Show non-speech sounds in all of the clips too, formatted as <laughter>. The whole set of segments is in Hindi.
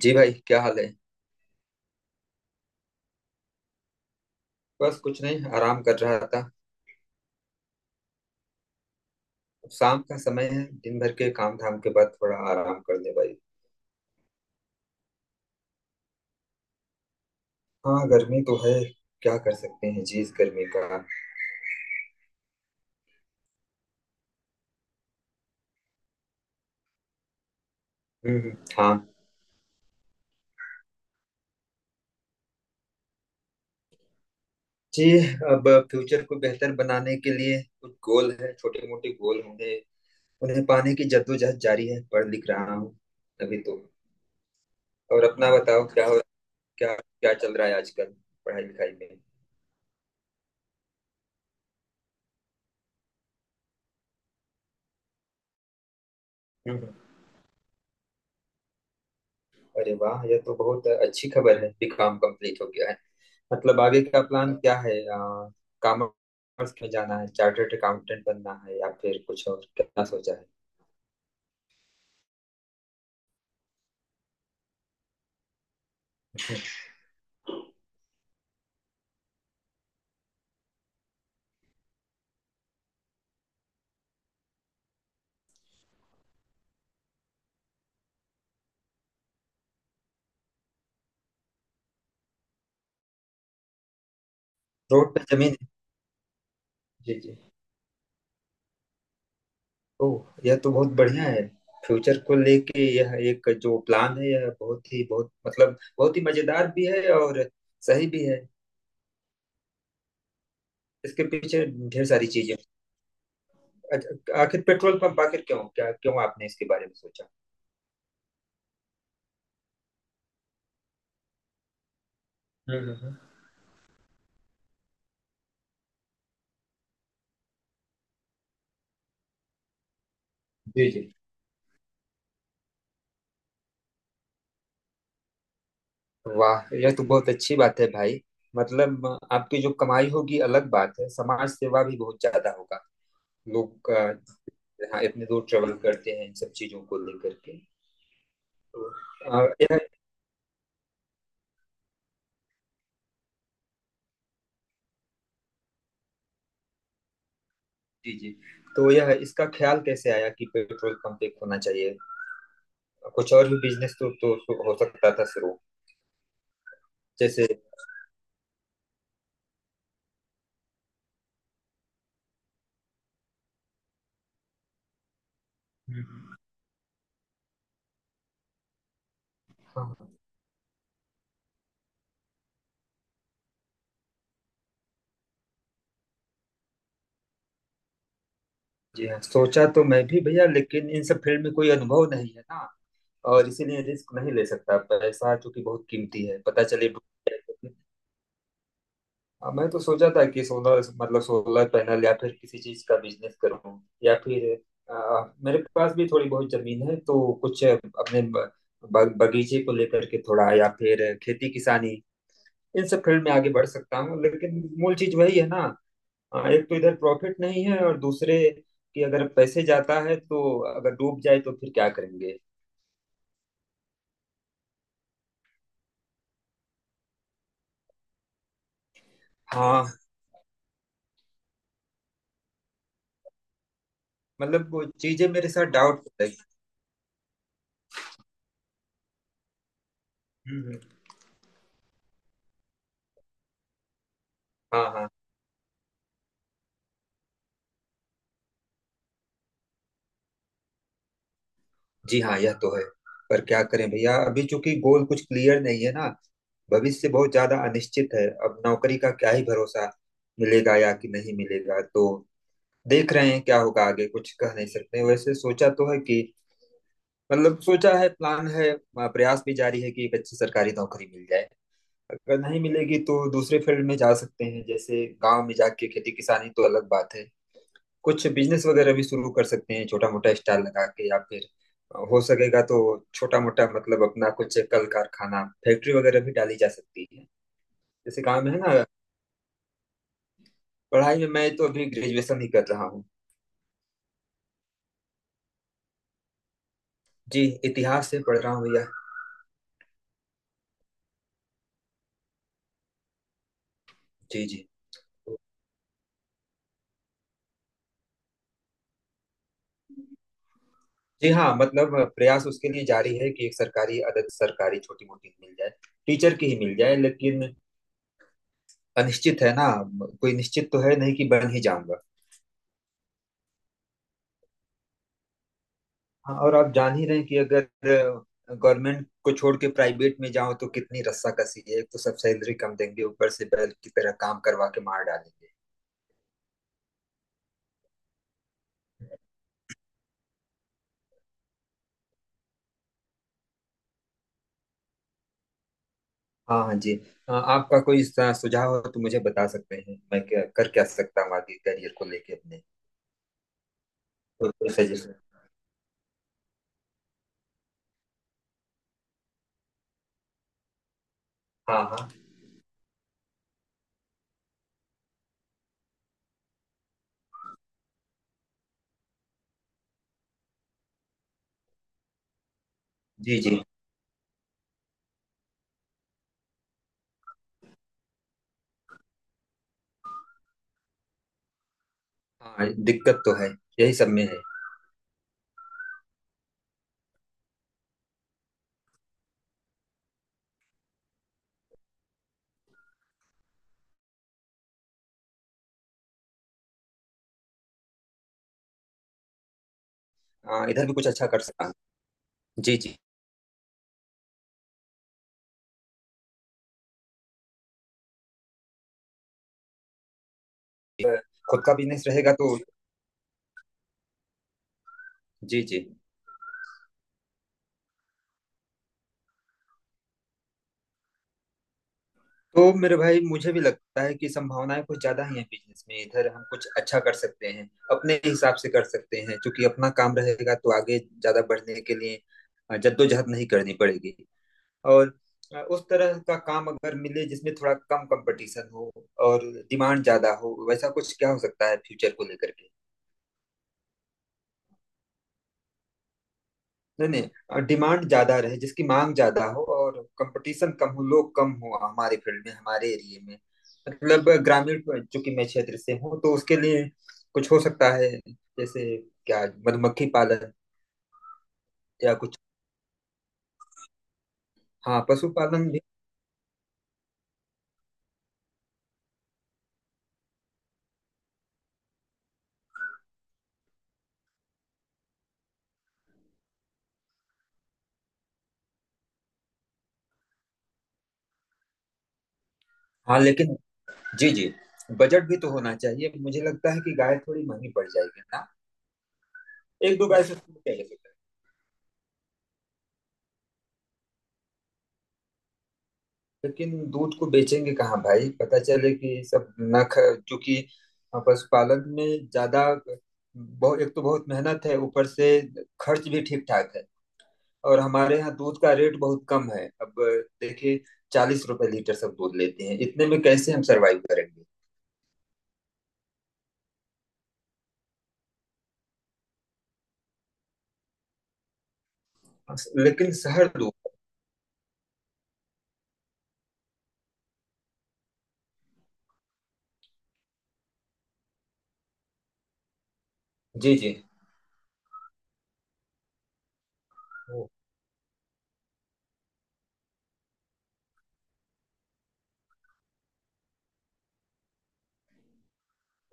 जी भाई क्या हाल है। बस कुछ नहीं आराम कर रहा था। अब शाम का समय है। दिन भर के काम धाम के बाद थोड़ा आराम कर ले भाई। हाँ गर्मी तो है। क्या कर सकते हैं जी इस गर्मी का। हम्म हम्म, हाँ। जी। अब फ्यूचर को बेहतर बनाने के लिए कुछ गोल है, छोटे मोटे गोल होंगे। उन्हें पाने की जद्दोजहद जारी है, पढ़ लिख रहा हूँ अभी तो। और अपना बताओ क्या हो, क्या क्या चल रहा है आजकल पढ़ाई लिखाई में। हम्म हम्म। अरे वाह, यह तो बहुत अच्छी खबर है, बीकॉम कंप्लीट हो गया है मतलब। आगे का प्लान क्या है, कॉमर्स में जाना है, चार्टर्ड अकाउंटेंट बनना है या फिर कुछ और क्या सोचा है। <laughs> रोड पे जमीन। जी जी। ओह, यह तो बहुत बढ़िया है। फ्यूचर को लेके यह एक जो प्लान है, यह बहुत ही बहुत मतलब बहुत ही मजेदार भी है और सही भी है इसके पीछे ढेर सारी चीजें। अच्छा, आखिर पेट्रोल पंप आखिर क्यों, क्या क्यों आपने इसके बारे में सोचा। हम्म हम्म, हम्म। जी जी। वाह, यह तो बहुत अच्छी बात है भाई। मतलब आपकी जो कमाई होगी अलग बात है, समाज सेवा भी बहुत ज्यादा होगा। लोग हाँ इतने दूर ट्रेवल करते हैं इन सब चीजों को लेकर के। तो यह जी जी। तो यह इसका ख्याल कैसे आया कि पेट्रोल पंप एक होना चाहिए। कुछ और भी बिजनेस तो हो सकता था शुरू, जैसे। हम्म। हाँ, जी हाँ सोचा तो मैं भी भैया, लेकिन इन सब फील्ड में कोई अनुभव नहीं है ना और इसीलिए रिस्क नहीं ले सकता, पैसा चूंकि बहुत कीमती है, पता चले डूब जाए। हाँ, मैं तो सोचा था कि सोलर मतलब सोलर पैनल या फिर किसी चीज का बिजनेस करूं, या फिर मेरे पास भी थोड़ी बहुत जमीन है तो कुछ अपने ब, ब- बगीचे को लेकर के थोड़ा, या फिर खेती किसानी। इन सब फील्ड में आगे बढ़ सकता हूँ लेकिन मूल चीज वही है ना। एक तो इधर प्रॉफिट नहीं है और दूसरे कि अगर पैसे जाता है तो अगर डूब जाए तो फिर क्या करेंगे। हाँ मतलब वो चीजें मेरे साथ डाउट। हम्म, हाँ हाँ। जी हाँ यह तो है। पर क्या करें भैया, अभी चूंकि गोल कुछ क्लियर नहीं है ना। भविष्य बहुत ज्यादा अनिश्चित है, अब नौकरी का क्या ही भरोसा, मिलेगा या कि नहीं मिलेगा तो देख रहे हैं क्या होगा आगे, कुछ कह नहीं सकते। वैसे सोचा तो है कि मतलब सोचा है, प्लान है, प्रयास भी जारी है कि एक अच्छी सरकारी नौकरी मिल जाए। अगर नहीं मिलेगी तो दूसरे फील्ड में जा सकते हैं, जैसे गांव में जाके खेती किसानी तो अलग बात है, कुछ बिजनेस वगैरह भी शुरू कर सकते हैं छोटा मोटा स्टाल लगा के, या फिर हो सकेगा तो छोटा मोटा मतलब अपना कुछ कल कारखाना फैक्ट्री वगैरह भी डाली जा सकती है जैसे काम है ना। पढ़ाई में मैं तो अभी ग्रेजुएशन ही कर रहा हूँ। जी इतिहास से पढ़ रहा हूँ भैया। जी जी। जी हाँ, मतलब प्रयास उसके लिए जारी है कि एक सरकारी अदद सरकारी छोटी मोटी मिल जाए, टीचर की ही मिल जाए, लेकिन अनिश्चित है ना। कोई निश्चित तो है नहीं कि बन ही जाऊंगा। हाँ, और आप जान ही रहे हैं कि अगर गवर्नमेंट को छोड़ के प्राइवेट में जाओ तो कितनी रस्साकसी है, एक तो सब सैलरी कम देंगे, ऊपर से बैल की तरह काम करवा के मार डालेंगे। हाँ हाँ जी। आपका कोई सुझाव हो तो मुझे बता सकते हैं, मैं क्या कर क्या सकता हूँ आगे करियर को लेके अपने, तो कोई सजेशन। हाँ हाँ जी जी। हाँ दिक्कत तो है, यही सब में है। इधर भी कुछ अच्छा कर सकता हूँ। जी जी। खुद का बिजनेस रहेगा तो। जी जी। तो मेरे भाई, मुझे भी लगता है कि संभावनाएं कुछ ज्यादा ही हैं बिजनेस में, इधर हम कुछ अच्छा कर सकते हैं अपने हिसाब से कर सकते हैं क्योंकि अपना काम रहेगा तो आगे ज्यादा बढ़ने के लिए जद्दोजहद नहीं करनी पड़ेगी। और उस तरह का काम अगर मिले जिसमें थोड़ा कम कंपटीशन हो और डिमांड ज्यादा हो, वैसा कुछ क्या हो सकता है फ्यूचर को लेकर। नहीं नहीं, डिमांड ज्यादा रहे, जिसकी मांग ज्यादा हो और कंपटीशन कम हो, लोग कम हो हमारे फील्ड में हमारे एरिया में, मतलब ग्रामीण चूंकि मैं क्षेत्र से हूँ तो उसके लिए कुछ हो सकता है, जैसे क्या मधुमक्खी पालन या कुछ। हाँ पशु पालन भी। हाँ लेकिन जी जी, बजट भी तो होना चाहिए, मुझे लगता है कि गाय थोड़ी महंगी पड़ जाएगी ना। एक दो गाय से शुरू किया जा सकता है। लेकिन दूध को बेचेंगे कहाँ भाई, पता चले कि सब न ख, जो कि पशुपालन में ज्यादा, बहुत एक तो बहुत मेहनत है, ऊपर से खर्च भी ठीक ठाक है, और हमारे यहाँ दूध का रेट बहुत कम है अब देखिए, 40 रुपए लीटर सब दूध लेते हैं, इतने में कैसे हम सरवाइव करेंगे। लेकिन शहर दूध जी जी। ओ,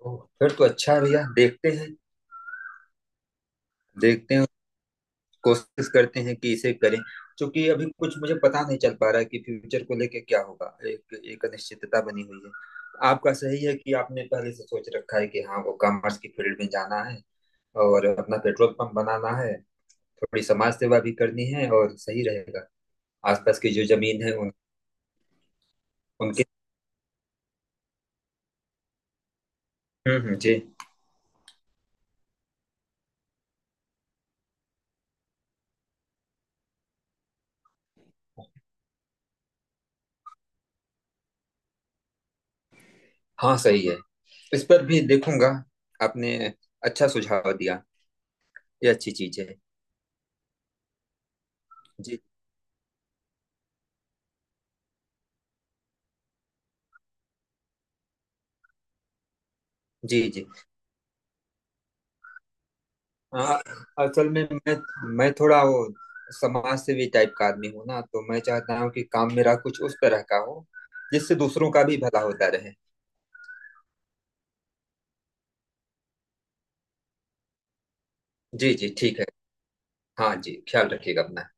ओ, फिर तो अच्छा है भैया, देखते हैं, देखते हैं, कोशिश करते हैं कि इसे करें, क्योंकि अभी कुछ मुझे पता नहीं चल पा रहा है कि फ्यूचर को लेके क्या होगा, एक एक अनिश्चितता बनी हुई है। आपका सही है कि आपने पहले से सोच रखा है कि हाँ वो कॉमर्स की फील्ड में जाना है और अपना पेट्रोल पंप बनाना है, थोड़ी समाज सेवा भी करनी है और सही रहेगा, आसपास की जो जमीन है उनके। जी। हाँ सही है, इस पर भी देखूंगा। आपने अच्छा सुझाव दिया, ये अच्छी चीज है। जी जी। जी हाँ असल में मैं थोड़ा वो समाज सेवी टाइप का आदमी हूँ ना, तो मैं चाहता हूँ कि काम मेरा कुछ उस तरह का हो जिससे दूसरों का भी भला होता रहे। जी जी ठीक है। हाँ जी, ख्याल रखिएगा अपना।